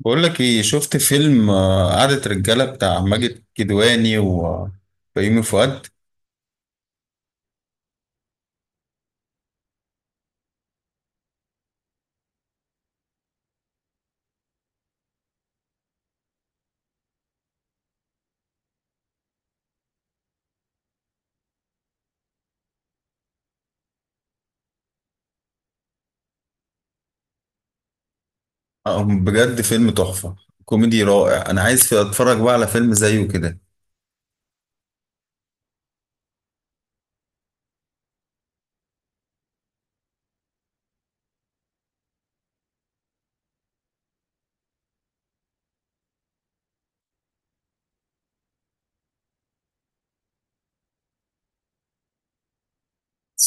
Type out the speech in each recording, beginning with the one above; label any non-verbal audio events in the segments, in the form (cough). بقول لك ايه، شفت فيلم قعدة رجالة بتاع ماجد الكدواني وبيومي فؤاد؟ بجد فيلم تحفة، كوميدي رائع. انا عايز اتفرج بقى على فيلم زيه كده.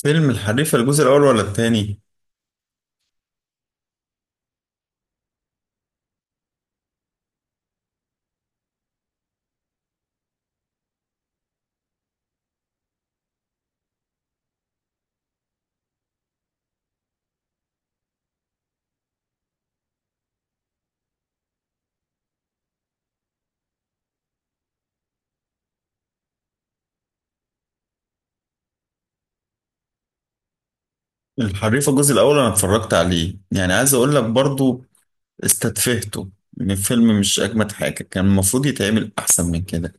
فيلم الحريفة الجزء الاول ولا التاني؟ الحريفة الجزء الاول انا اتفرجت عليه، يعني عايز اقول لك برضو استتفهته. ان الفيلم مش اجمد حاجة، كان المفروض يتعمل احسن من كده،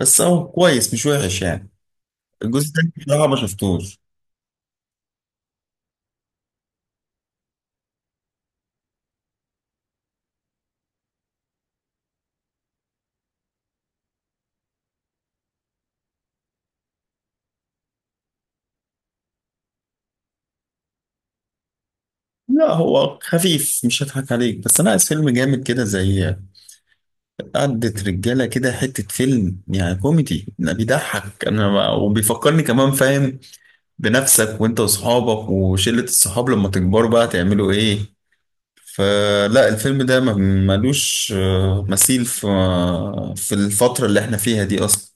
بس هو كويس مش وحش يعني. الجزء التاني بصراحة ما شفتوش. لا هو خفيف، مش هضحك عليك، بس انا عايز فيلم جامد كده زي عدت رجالة كده، حتة فيلم يعني كوميدي لا بيضحك أنا ما وبيفكرني كمان، فاهم؟ بنفسك وأنت وأصحابك وشلة الصحاب لما تكبروا بقى تعملوا إيه. فلا الفيلم ده ملوش مثيل في الفترة اللي إحنا فيها دي أصلا.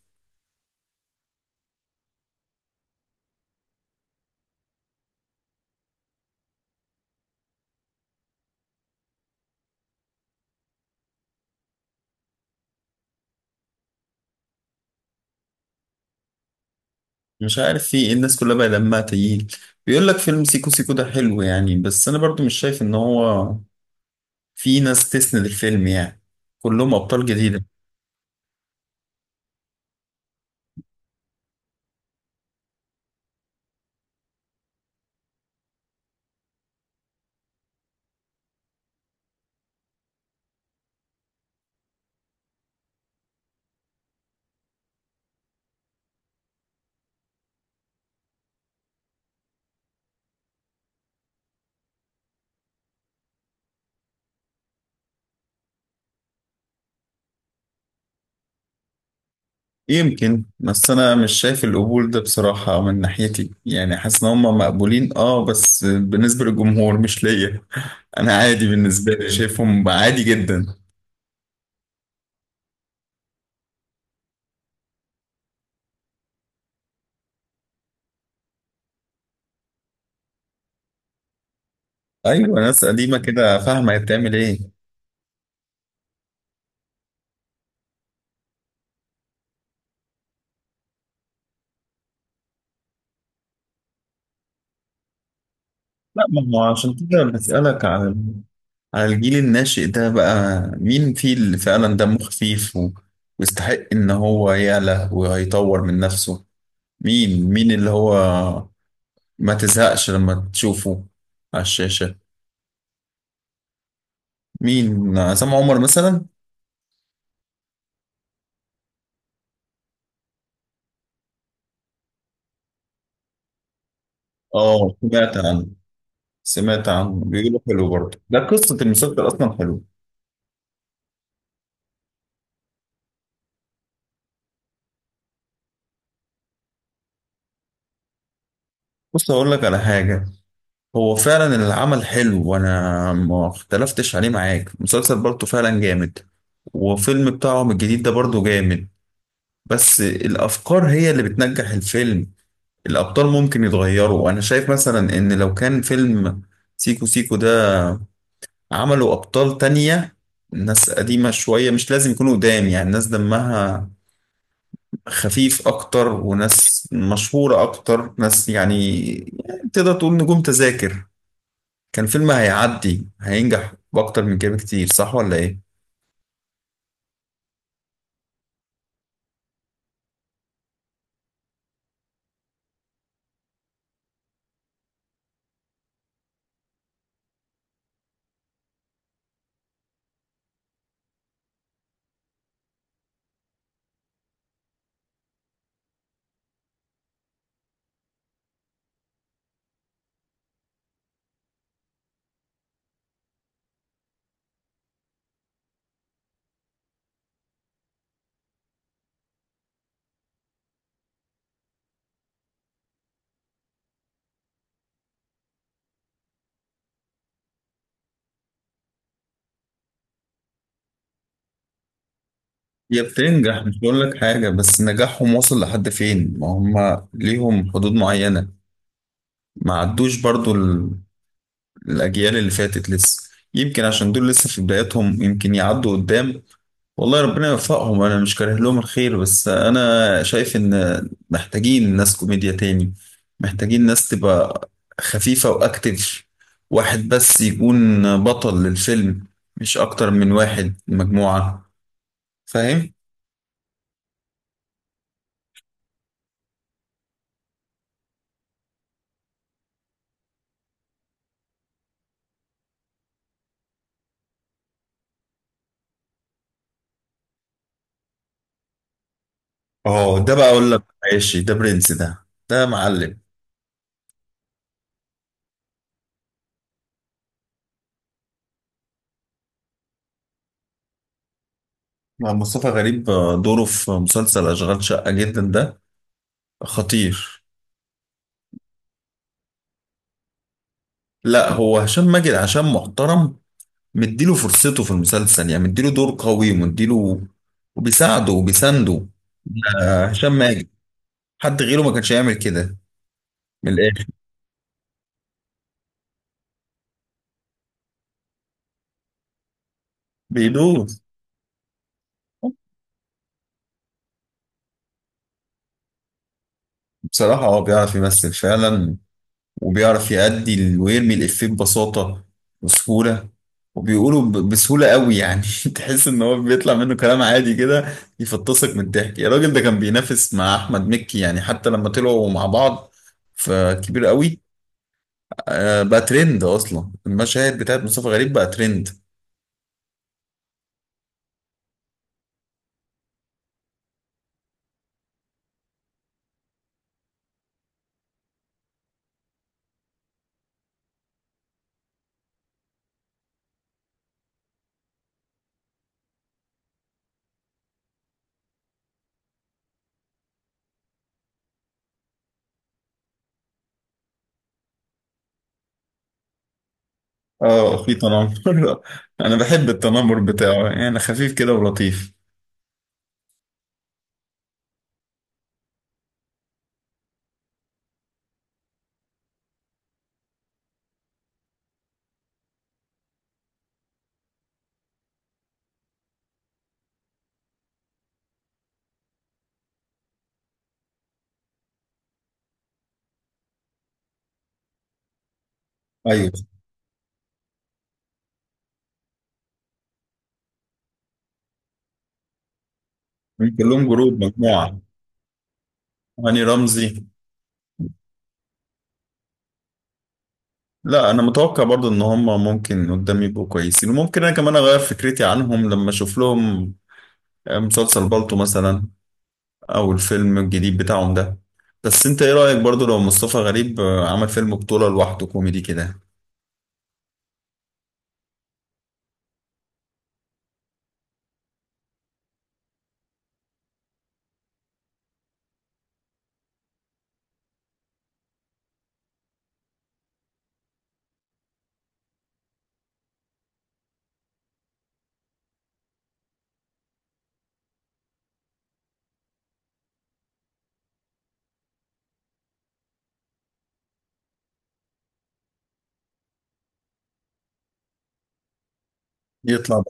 مش عارف في إيه، الناس كلها بقى دمها تقيل. بيقول لك فيلم سيكو سيكو ده حلو يعني، بس أنا برضو مش شايف إن هو في ناس تسند الفيلم يعني، كلهم أبطال جديدة. يمكن، بس انا مش شايف القبول ده بصراحة من ناحيتي، يعني حاسس ان هم مقبولين اه، بس بالنسبة للجمهور مش ليا. (laughs) انا عادي، بالنسبة لي شايفهم عادي جدا. ايوه ناس قديمة كده فاهمة هي بتعمل ايه. لا ما هو عشان كده بسألك على على الجيل الناشئ ده، بقى مين فيه اللي فعلا دمه خفيف ويستحق ان هو يعلى ويطور من نفسه. مين اللي هو ما تزهقش لما تشوفه على الشاشة؟ مين، عصام عمر مثلا؟ اه سمعت عنه. سمعت عنه، بيقولوا حلو برضه، ده قصة المسلسل أصلا حلو. بص أقول لك على حاجة، هو فعلا العمل حلو وأنا ما اختلفتش عليه معاك، المسلسل برضه فعلا جامد، وفيلم بتاعهم الجديد ده برضه جامد. بس الأفكار هي اللي بتنجح الفيلم، الأبطال ممكن يتغيروا. أنا شايف مثلا إن لو كان فيلم سيكو سيكو ده عملوا أبطال تانية، ناس قديمة شوية، مش لازم يكونوا قدام يعني، ناس دمها خفيف اكتر وناس مشهورة اكتر، ناس يعني يعني تقدر تقول نجوم تذاكر، كان فيلم هيعدي هينجح باكتر من كده بكتير، صح ولا ايه؟ هي بتنجح، مش بقول لك حاجة، بس نجاحهم وصل لحد فين؟ ما هم ليهم حدود معينة، ما عدوش برضو الأجيال اللي فاتت لسه. يمكن عشان دول لسه في بداياتهم يمكن يعدوا قدام، والله ربنا يوفقهم، انا مش كاره لهم الخير، بس انا شايف ان محتاجين ناس كوميديا تاني، محتاجين ناس تبقى خفيفة واكتف، واحد بس يكون بطل للفيلم، مش اكتر من واحد مجموعة، فاهم؟ اه ده بقى اقول لك، ماشي ده برنس، ده معلم. مع مصطفى غريب دوره في مسلسل اشغال شقة جدا، ده خطير. لا هو هشام ماجد عشان محترم مديله فرصته في المسلسل، يعني مديله دور قوي ومديله، وبيساعده وبيسانده هشام ماجد، حد غيره ما كانش هيعمل كده. من الاخر بيدوس. بصراحة هو بيعرف يمثل فعلا، وبيعرف يأدي ويرمي الإفيه ببساطة وسهولة، وبيقوله بسهولة قوي يعني. (laughs) تحس إن هو بيطلع منه كلام عادي كده يفطسك من الضحك يا راجل، ده كان بينافس مع أحمد مكي يعني حتى لما طلعوا مع بعض، فكبير قوي. بقى ترند اصلا، المشاهد بتاعت مصطفى غريب بقى ترند. اه في تنمر. (laughs) انا بحب التنمر بتاعه يعني، خفيف كده ولطيف. ايوه من كلهم جروب، مجموعه، هاني رمزي. لا انا متوقع برضو ان هم ممكن قدام يبقوا كويسين، وممكن انا كمان اغير فكرتي عنهم لما اشوف لهم مسلسل بالطو مثلا، او الفيلم الجديد بتاعهم ده. بس انت ايه رايك برضو لو مصطفى غريب عمل فيلم بطوله لوحده كوميدي كده؟ يطلع.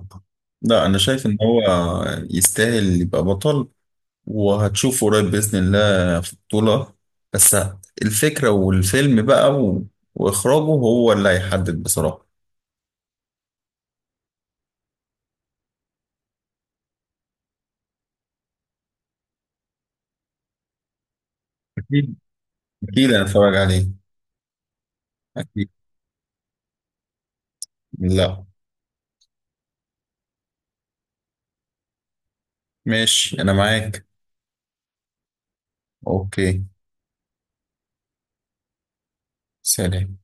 لا انا شايف ان هو يستاهل يبقى بطل، وهتشوفه قريب باذن الله في بطوله، بس الفكره والفيلم بقى و... واخراجه هو اللي هيحدد بصراحه. اكيد. اكيد انا اتفرج عليه. اكيد. لا. ماشي انا معاك. اوكي. سلام.